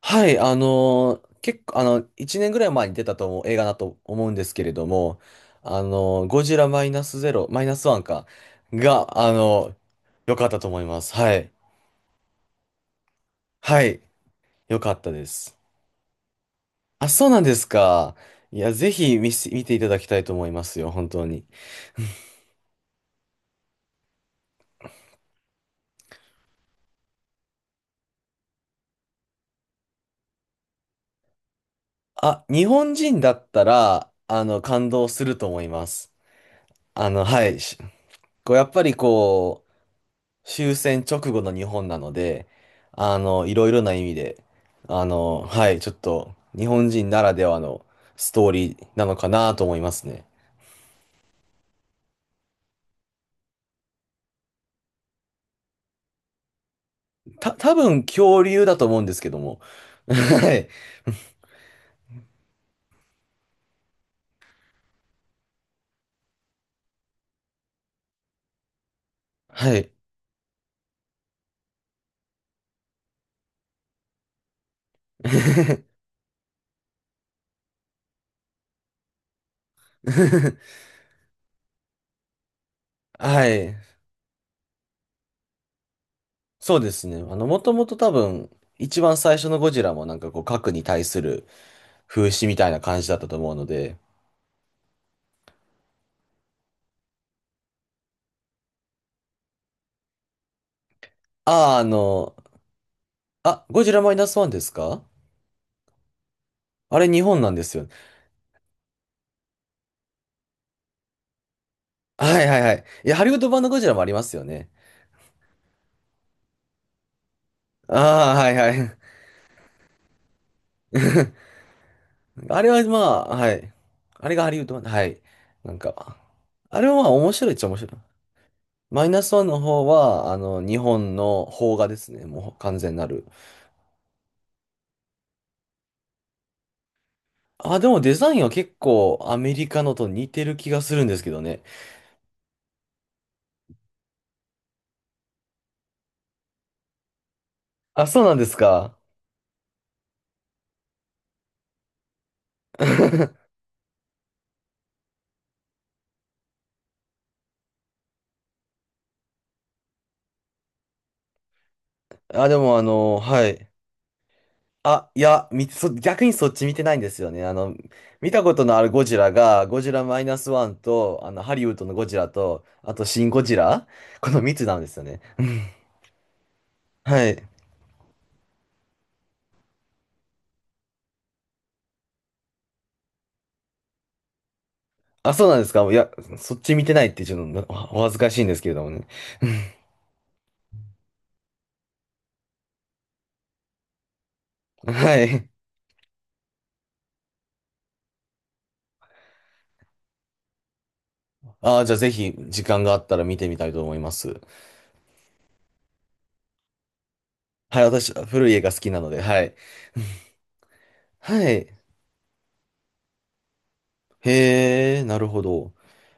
はい、結構、1年ぐらい前に出たと思う映画だと思うんですけれども、ゴジラマイナスゼロ、マイナスワンか、が、良かったと思います。はい。はい、良かったです。あ、そうなんですか。いや、ぜひ見ていただきたいと思いますよ、本当に。あ、日本人だったら、感動すると思います。はい。こう、やっぱりこう、終戦直後の日本なので、いろいろな意味で、はい、ちょっと日本人ならではのストーリーなのかなと思いますね。多分恐竜だと思うんですけども。はい。はい。はい。そうですね。もともと多分、一番最初のゴジラもなんかこう、核に対する風刺みたいな感じだったと思うので、ああ、ゴジラマイナスワンですか？あれ日本なんですよね？はいはいはい。いや、ハリウッド版のゴジラもありますよね。ああ、はいはい。あれはまあ、はい。あれがハリウッド版、はい。なんか、あれはまあ面白いっちゃ面白い。マイナスワンの方は、日本の邦画ですね。もう完全なる。あ、でもデザインは結構アメリカのと似てる気がするんですけどね。あ、そうなんですか。あ、でもはい。あ、いや、見て、そ、逆にそっち見てないんですよね。見たことのあるゴジラが、ゴジラマイナスワンと、ハリウッドのゴジラと、あと、シン・ゴジラ、この3つなんですよね。はい。あ、そうなんですか。いや、そっち見てないってちょっと恥ずかしいんですけれどもね。はい。ああ、じゃあぜひ、時間があったら見てみたいと思います。はい、私、古い映画好きなので、はい。はい。へえ、なるほど。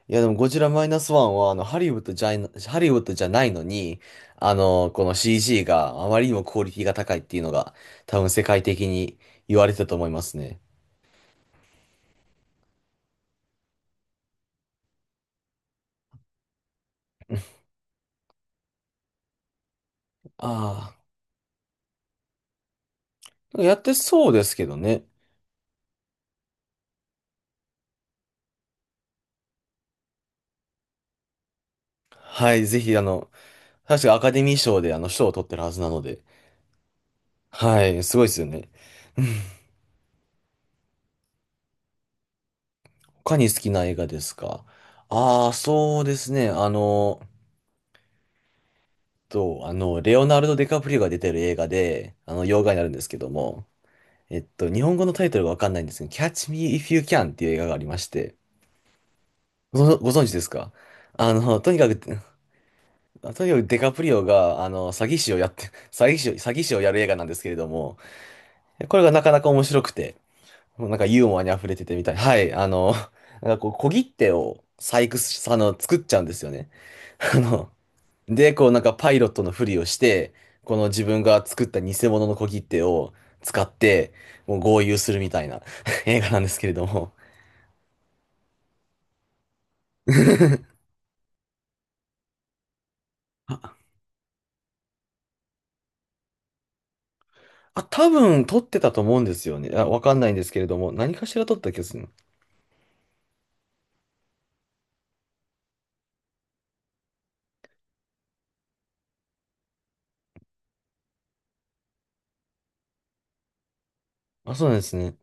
いや、でも、ゴジラマイナスワンは、ハリウッドじゃないのに、この CG があまりにもクオリティが高いっていうのが、多分世界的に言われてたと思いますね。ああ、やってそうですけどね。はい、ぜひ、確かアカデミー賞であの賞を取ってるはずなので、はい、すごいですよね。他に好きな映画ですか？ああー、そうですね。あの、と、あの、レオナルド・ディカプリオが出てる映画で、洋画になるんですけども、日本語のタイトルがわかんないんですけど、Catch Me If You Can っていう映画がありまして、ご存知ですか？とにかく、とにかくデカプリオが、詐欺師をやって、詐欺師をやる映画なんですけれども、これがなかなか面白くて、なんかユーモアに溢れててみたい。はい、なんかこう、小切手を細工し、作っちゃうんですよね。あの、で、こう、なんかパイロットのふりをして、この自分が作った偽物の小切手を使って、もう豪遊するみたいな 映画なんですけれども、あ、多分撮ってたと思うんですよね。あ、わかんないんですけれども、何かしら撮った気がする。あ、そうなんですね。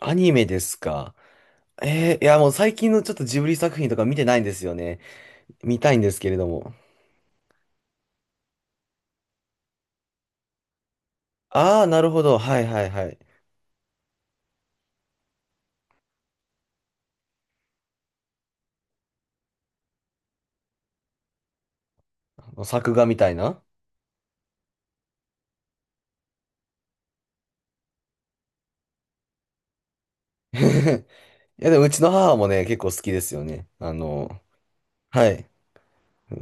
アニメですか。いやもう最近のちょっとジブリ作品とか見てないんですよね。見たいんですけれども。ああ、なるほど。はいはいはい。あの作画みたいな。いやでもうちの母もね、結構好きですよね。はい。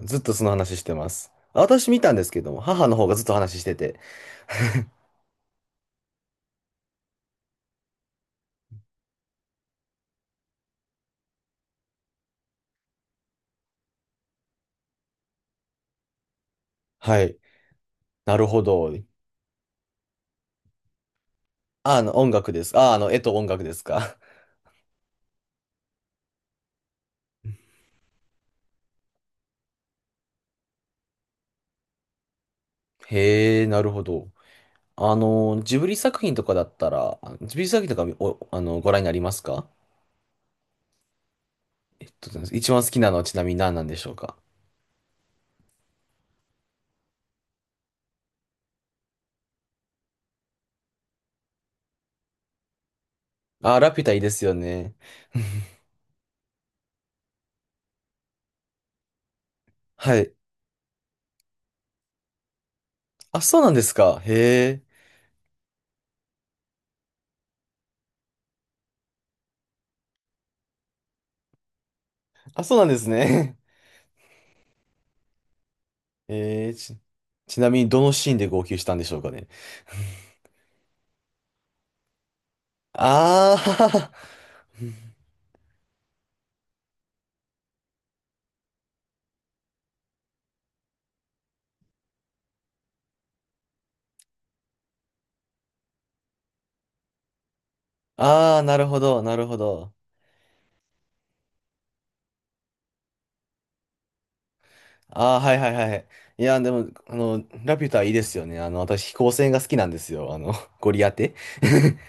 ずっとその話してます。あ私見たんですけども、母の方がずっと話してて。はい。なるほど。あ、あの音楽です。あ、あの絵と音楽ですか？へえ、なるほど。ジブリ作品とかだったら、ジブリ作品とかお、あの、ご覧になりますか？一番好きなのはちなみに何なんでしょうか？あ、ラピュタいいですよね。はい。あ、そうなんですか。へえ。あ、そうなんですね。へえー、ちなみにどのシーンで号泣したんでしょうかね。あー あー、なるほど、なるほど。あー、はいはいはい。いや、でも、ラピュタいいですよね。私、飛行船が好きなんですよ。ゴリアテ。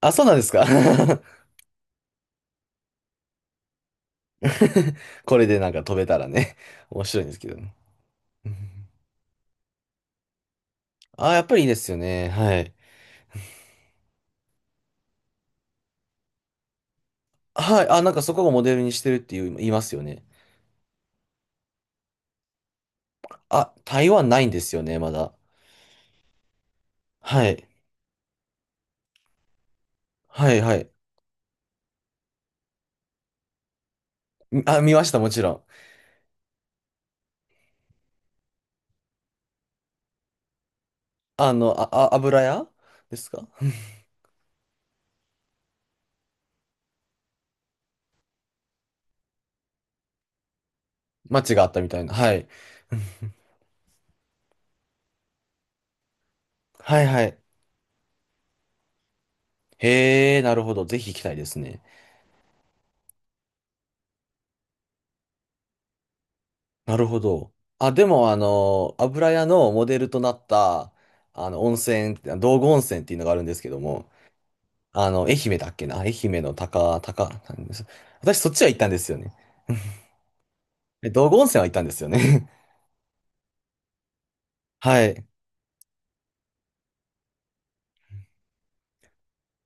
あ、そうなんですか。これでなんか飛べたらね、面白いんですけどね。うん。あ、やっぱりいいですよね。はい。はい。あ、なんかそこをモデルにしてるっていう言いますよね。あ、台湾ないんですよね、まだ。はい。はい、はい。あ、見ました、もちろん。あ、油屋ですか？街があったみたいな。はい。はい、はい。へえ、なるほど。ぜひ行きたいですね。なるほど。あ、でも、油屋のモデルとなった、温泉、道後温泉っていうのがあるんですけども、愛媛だっけな？愛媛のなんです？私そっちは行ったんですよね。道後温泉は行ったんですよね。はい。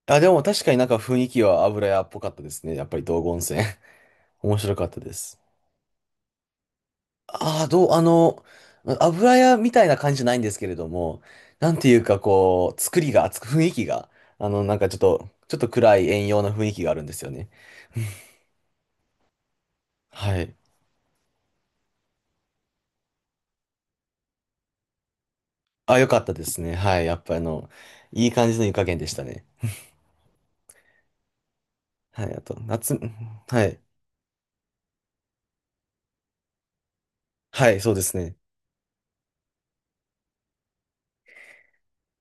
あ、でも確かになんか雰囲気は油屋っぽかったですね。やっぱり道後温泉。面白かったです。ああ、どう、あの、油屋みたいな感じじゃないんですけれども、なんていうかこう、作りが、つく雰囲気が、なんかちょっと、ちょっと暗い遠洋な雰囲気があるんですよね。はい。あ、よかったですね。はい。やっぱりいい感じの湯加減でしたね。はい。あと、夏、はい。はい、そうですね。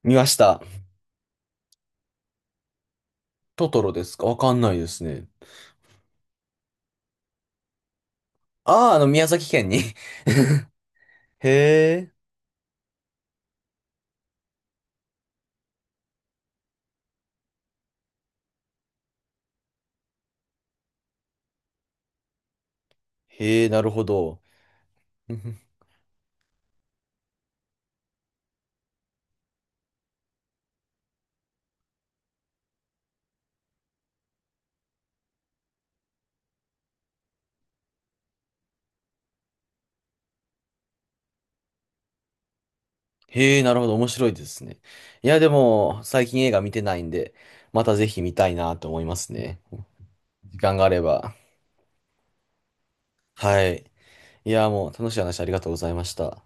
見ました。トトロですか？わかんないですね。ああ、宮崎県に へえ、へえ、なるほど。へえ、なるほど。面白いですね。いや、でも、最近映画見てないんで、またぜひ見たいなと思いますね。時間があれば。はい。いや、もう楽しい話ありがとうございました。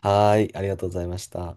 はーい、ありがとうございました。